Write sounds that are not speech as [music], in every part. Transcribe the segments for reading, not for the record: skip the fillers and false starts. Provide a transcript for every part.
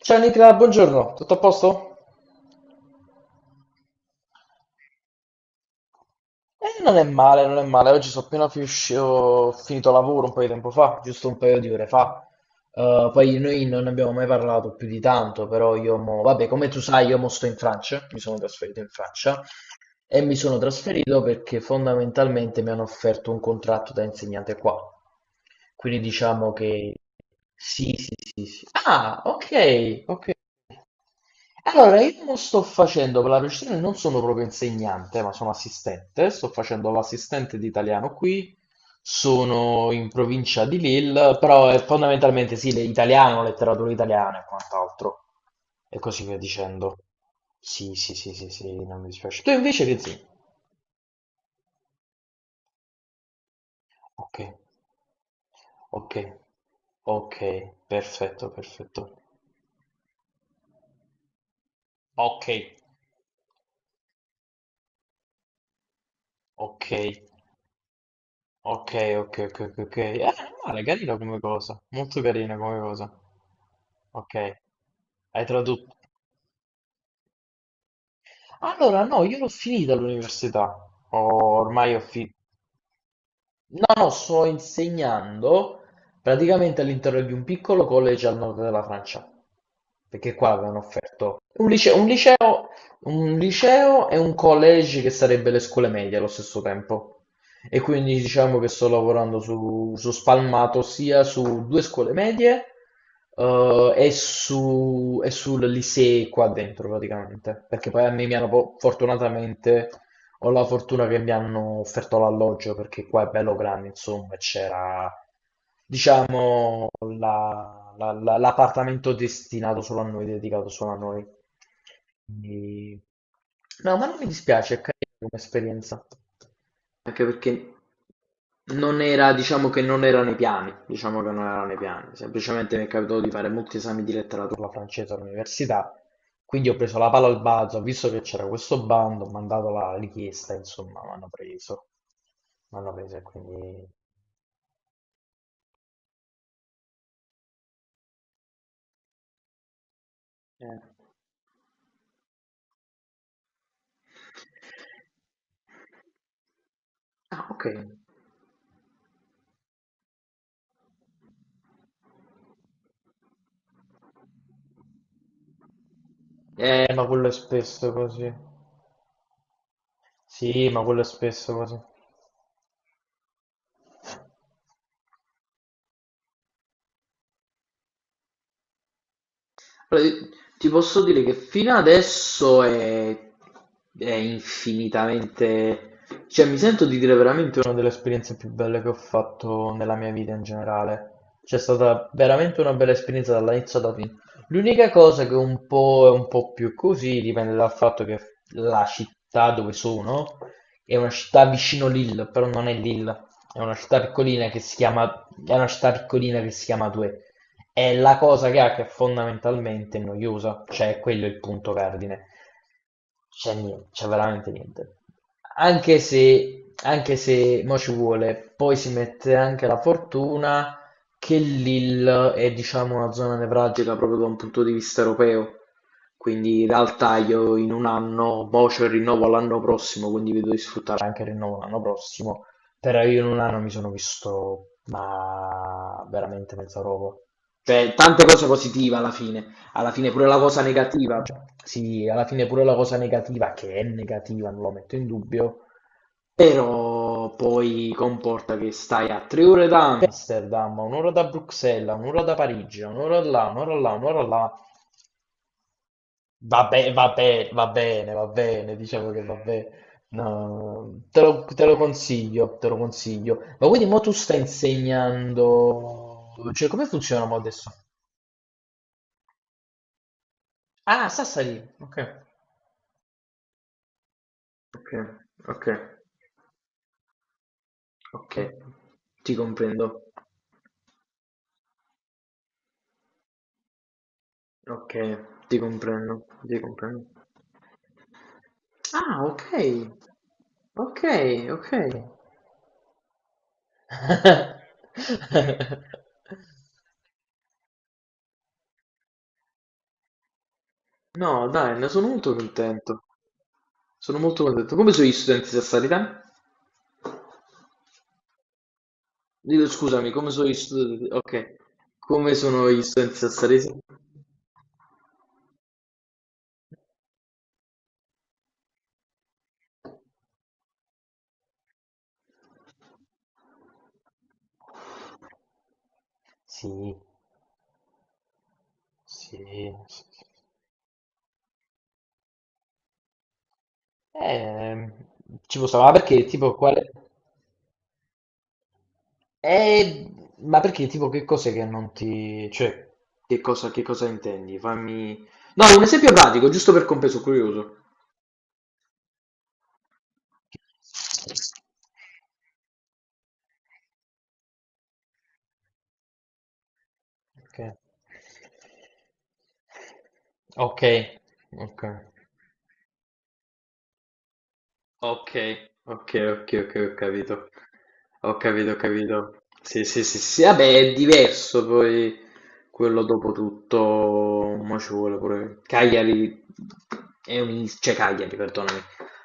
Ciao Nicola, buongiorno, tutto a posto? Non è male, non è male. Oggi sono appena ho finito lavoro un po' di tempo fa, giusto un paio di ore fa. Poi noi non abbiamo mai parlato più di tanto, però io mo. Vabbè, come tu sai, io mo sto in Francia, mi sono trasferito in Francia e mi sono trasferito perché fondamentalmente mi hanno offerto un contratto da insegnante qua. Quindi diciamo che. Sì, sì, sì, sì. Ah, ok, ok. Allora, io non sto facendo per la precisione, non sono proprio insegnante, ma sono assistente. Sto facendo l'assistente di italiano qui. Sono in provincia di Lille, però è fondamentalmente sì, l'italiano, letteratura italiana e quant'altro. E così via dicendo. Sì, sì, sì, sì, sì, non mi dispiace. Tu invece che insegni? Ok, ok, ok, perfetto, perfetto. Ok, ok. Ok, ok, ok, ok, ok. Non male, carina come cosa. Molto carina come cosa. Ok, hai tradotto. Allora, no, io l'ho finita l'università. Ho- Ormai ho finito. No, no, sto insegnando praticamente all'interno di un piccolo college al nord della Francia, perché qua avevano offerto un liceo e un college che sarebbe le scuole medie allo stesso tempo. E quindi diciamo che sto lavorando su spalmato sia su due scuole medie e sul lycée qua dentro praticamente, perché poi a me mi hanno fortunatamente ho la fortuna che mi hanno offerto l'alloggio perché qua è bello grande, insomma, e c'era, diciamo, l'appartamento destinato solo a noi, dedicato solo a noi. Quindi- No, ma non mi dispiace, è carina come esperienza. Anche perché non era, diciamo che non era nei piani, diciamo che non era nei piani. Semplicemente mi è capitato di fare molti esami di letteratura francese all'università quindi ho preso la palla al balzo, ho visto che c'era questo bando, ho mandato la richiesta, insomma, mi hanno preso. Mi hanno preso e quindi... eh. Ah, ok. Ma quello è spesso così. Sì, ma quello è spesso così. Allora, ti posso dire che fino adesso è infinitamente. Cioè, mi sento di dire veramente una delle esperienze più belle che ho fatto nella mia vita in generale. C'è stata veramente una bella esperienza dall'inizio alla fine. L'unica cosa che un po' è un po' più così dipende dal fatto che la città dove sono è una città vicino Lille, però non è Lille, è una città piccolina che si chiama Douai. È la cosa che hack è fondamentalmente noiosa, cioè quello è il punto cardine. C'è veramente niente. Anche se mo ci vuole, poi si mette anche la fortuna che l'Hill è diciamo una zona nevralgica proprio da un punto di vista europeo. Quindi in realtà io in un anno, mo c'ho il rinnovo all'anno prossimo, quindi vedo di sfruttare anche il rinnovo l'anno prossimo. Però io in un anno mi sono visto, ma veramente mezza roba. Cioè, tante cose positive alla fine. Alla fine pure la cosa negativa. Cioè, sì, alla fine pure la cosa negativa, che è negativa, non lo metto in dubbio. Però poi comporta che stai a 3 ore da è Amsterdam. Amsterdam, un'ora da Bruxelles, un'ora da Parigi, un'ora là, un'ora là, un'ora là, va bene, va bene, va bene, va bene, diciamo che va bene. No, te lo consiglio. Ma quindi mo tu stai insegnando, cioè come funziona mo adesso? Ah, Sassari, ok. Ok, ok, ok, ti comprendo. Ok, ti comprendo, ti comprendo. Ah, ok, ok, ok. [laughs] No, dai, ne sono molto contento. Sono molto contento. Come sono gli studenti sassari te? Dillo, scusami, come sono gli studenti? Ok, come sono gli studenti sassaresi? Sì, sì. Sì, sì. Eh, ci può stare, ma perché tipo quale? Eh, ma perché? Tipo, che cos'è che non ti. Cioè, che cosa intendi? Fammi. No, un esempio pratico, giusto per compreso, curioso. Ok. Ok, ok. Ok, ok, ok, ok, ho capito. Ho capito, ho capito. Sì, sì, sì, sì, sì. Vabbè, è diverso poi quello dopo tutto, mo ci vuole pure. Cagliari è un'isola, cioè Cagliari, perdonami.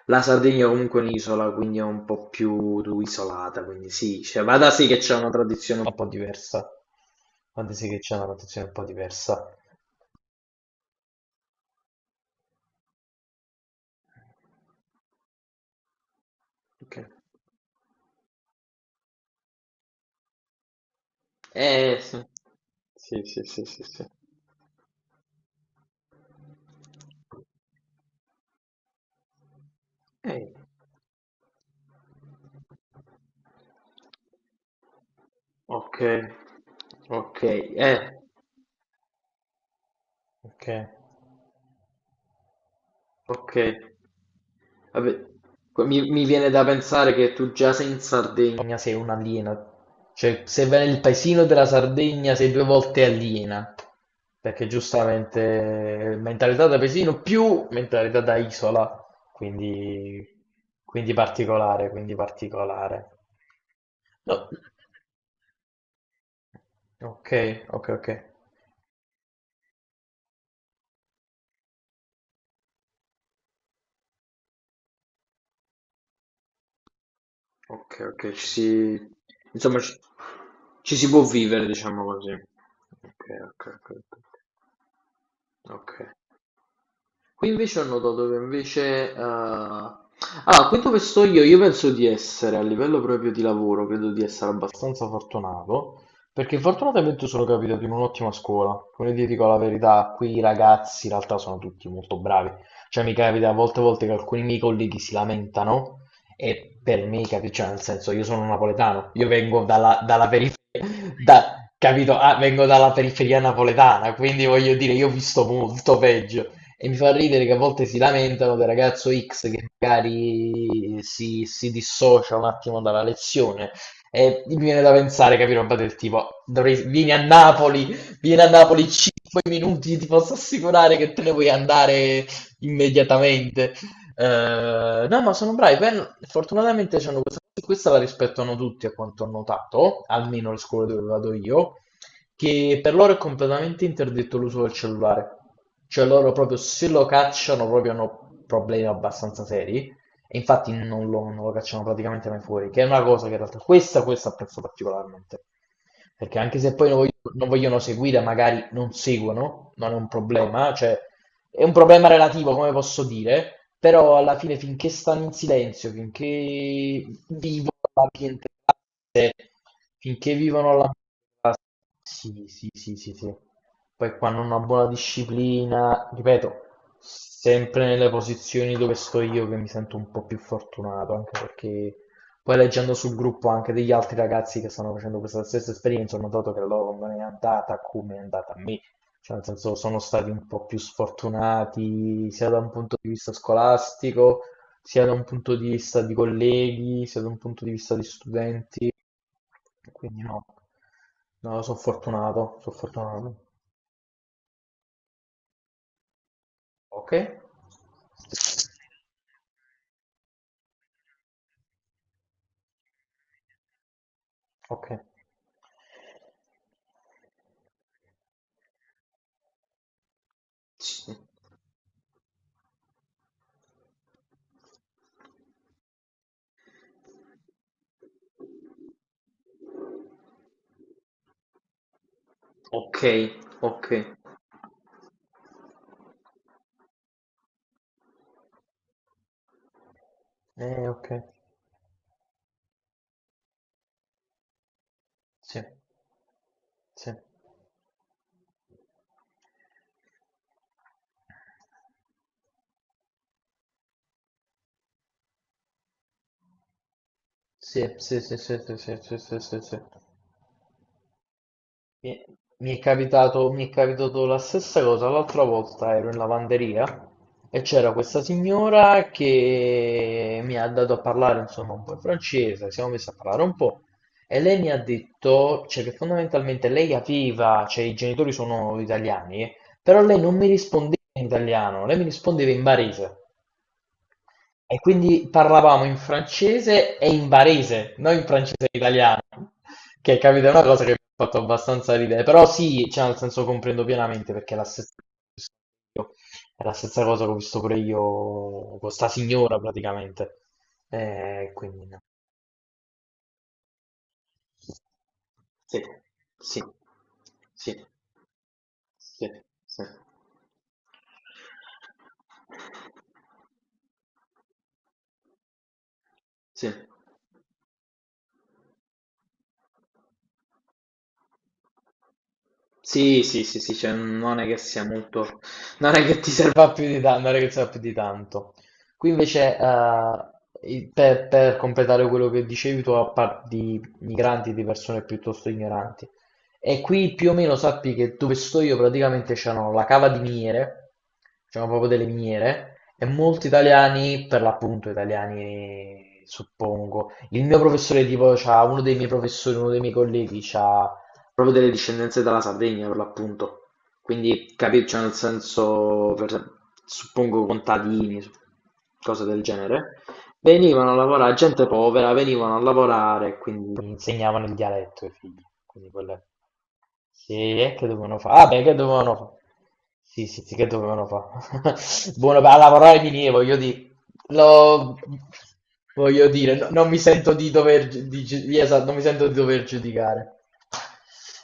La Sardegna è comunque un'isola, quindi è un po' più isolata, quindi sì, cioè, vada sì che c'è una tradizione un po' diversa. Vada sì che c'è una tradizione un po' diversa. Ok. Sì. Sì, sì, sì, sì, sì. Eh, ok, ok, eh, ok. Ok. Vabbè, mi viene da pensare che tu già sei in Sardegna. Sardegna sei un alieno. Cioè, se vai nel paesino della Sardegna sei due volte aliena. Perché giustamente mentalità da paesino più mentalità da isola. Quindi, quindi particolare, quindi particolare. No. Ok, ok, ok. Ok, ok, ci si. Insomma ci si può vivere, diciamo così. Ok, ok, ok. Ok. Ok. Qui invece ho notato che invece. Allora, qui dove sto io, penso di essere, a livello proprio di lavoro, credo di essere abbastanza fortunato, perché fortunatamente sono capitato in un'ottima scuola. Come ti dico la verità, qui i ragazzi in realtà sono tutti molto bravi. Cioè mi capita a volte che alcuni miei colleghi si lamentano e per me, cioè nel senso, io sono napoletano, io vengo dalla periferia, capito? Ah, vengo dalla periferia napoletana, quindi voglio dire, io ho visto molto peggio. E mi fa ridere che a volte si lamentano del ragazzo X che magari si dissocia un attimo dalla lezione. E mi viene da pensare, capire roba del tipo, vieni a Napoli 5 minuti, ti posso assicurare che te ne vuoi andare immediatamente. No, ma sono bravi. Fortunatamente c'hanno questa, la rispettano tutti, a quanto ho notato, almeno le scuole dove vado io che per loro è completamente interdetto l'uso del cellulare. Cioè loro proprio se lo cacciano proprio hanno problemi abbastanza seri e infatti non lo cacciano praticamente mai fuori, che è una cosa che in realtà questa apprezzo particolarmente. Perché anche se poi non vogliono seguire, magari non seguono, non è un problema, cioè è un problema relativo, come posso dire, però alla fine finché stanno in silenzio, finché vivono l'ambiente classe, finché vivono l'ambiente. Sì, sì, sì, sì, sì. Poi quando una buona disciplina, ripeto, sempre nelle posizioni dove sto io che mi sento un po' più fortunato, anche perché poi leggendo sul gruppo anche degli altri ragazzi che stanno facendo questa stessa esperienza, ho notato che la loro non è andata come è andata a me, cioè nel senso sono stati un po' più sfortunati sia da un punto di vista scolastico sia da un punto di vista di colleghi, sia da un punto di vista di studenti, quindi no, no, sono fortunato, sono fortunato. Ok? Ok. Sì. Ok, ok. Eh, ok, sì, sì, sì, sì, sì, sì, sì, sì, sì, sì, sì. Mi è, mi è capitato la stessa cosa, l'altra volta ero in lavanderia e c'era questa signora che mi ha dato a parlare insomma un po' in francese, siamo messi a parlare un po' e lei mi ha detto, cioè, che fondamentalmente lei capiva, cioè i genitori sono italiani, però lei non mi rispondeva in italiano, lei mi rispondeva in barese. E quindi parlavamo in francese e in barese, non in francese e italiano, che capito è una cosa che mi ha fatto abbastanza ridere, però sì, cioè nel senso comprendo pienamente perché è la stessa cosa che ho visto pure io con sta signora praticamente. Quindi no. Sì, sì, sì, sì, sì, sì. Sì, sì, sì, sì, cioè non è che sia molto, non è che ti serva più di, non è che serva più di tanto. Qui invece, per completare quello che dicevi tu, a parte di migranti, di persone piuttosto ignoranti, e qui più o meno sappi che dove sto io praticamente c'erano la cava di miniere, c'erano proprio delle miniere, e molti italiani, per l'appunto italiani suppongo, il mio professore tipo, c'ha uno dei miei professori, uno dei miei colleghi, c'ha proprio delle discendenze dalla Sardegna per l'appunto, quindi cioè nel senso, suppongo contadini, cose del genere, venivano a lavorare, gente povera, venivano a lavorare, quindi insegnavano il dialetto ai figli, quindi quelle. Sì, e che dovevano fare? Ah, beh, che dovevano fare? Sì, sì, sì, che dovevano fare? [laughs] Buono per lavorare di voglio dire. Lo voglio dire, non mi sento di dover, esatto, non mi sento di dover giudicare.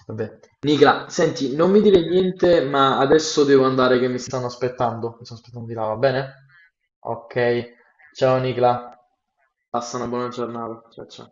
Vabbè. Nicola, senti, non mi dire niente, ma adesso devo andare che mi stanno aspettando. Mi stanno aspettando di là, va bene? Ok. Ciao Nicola. Passa una buona giornata. Ciao ciao.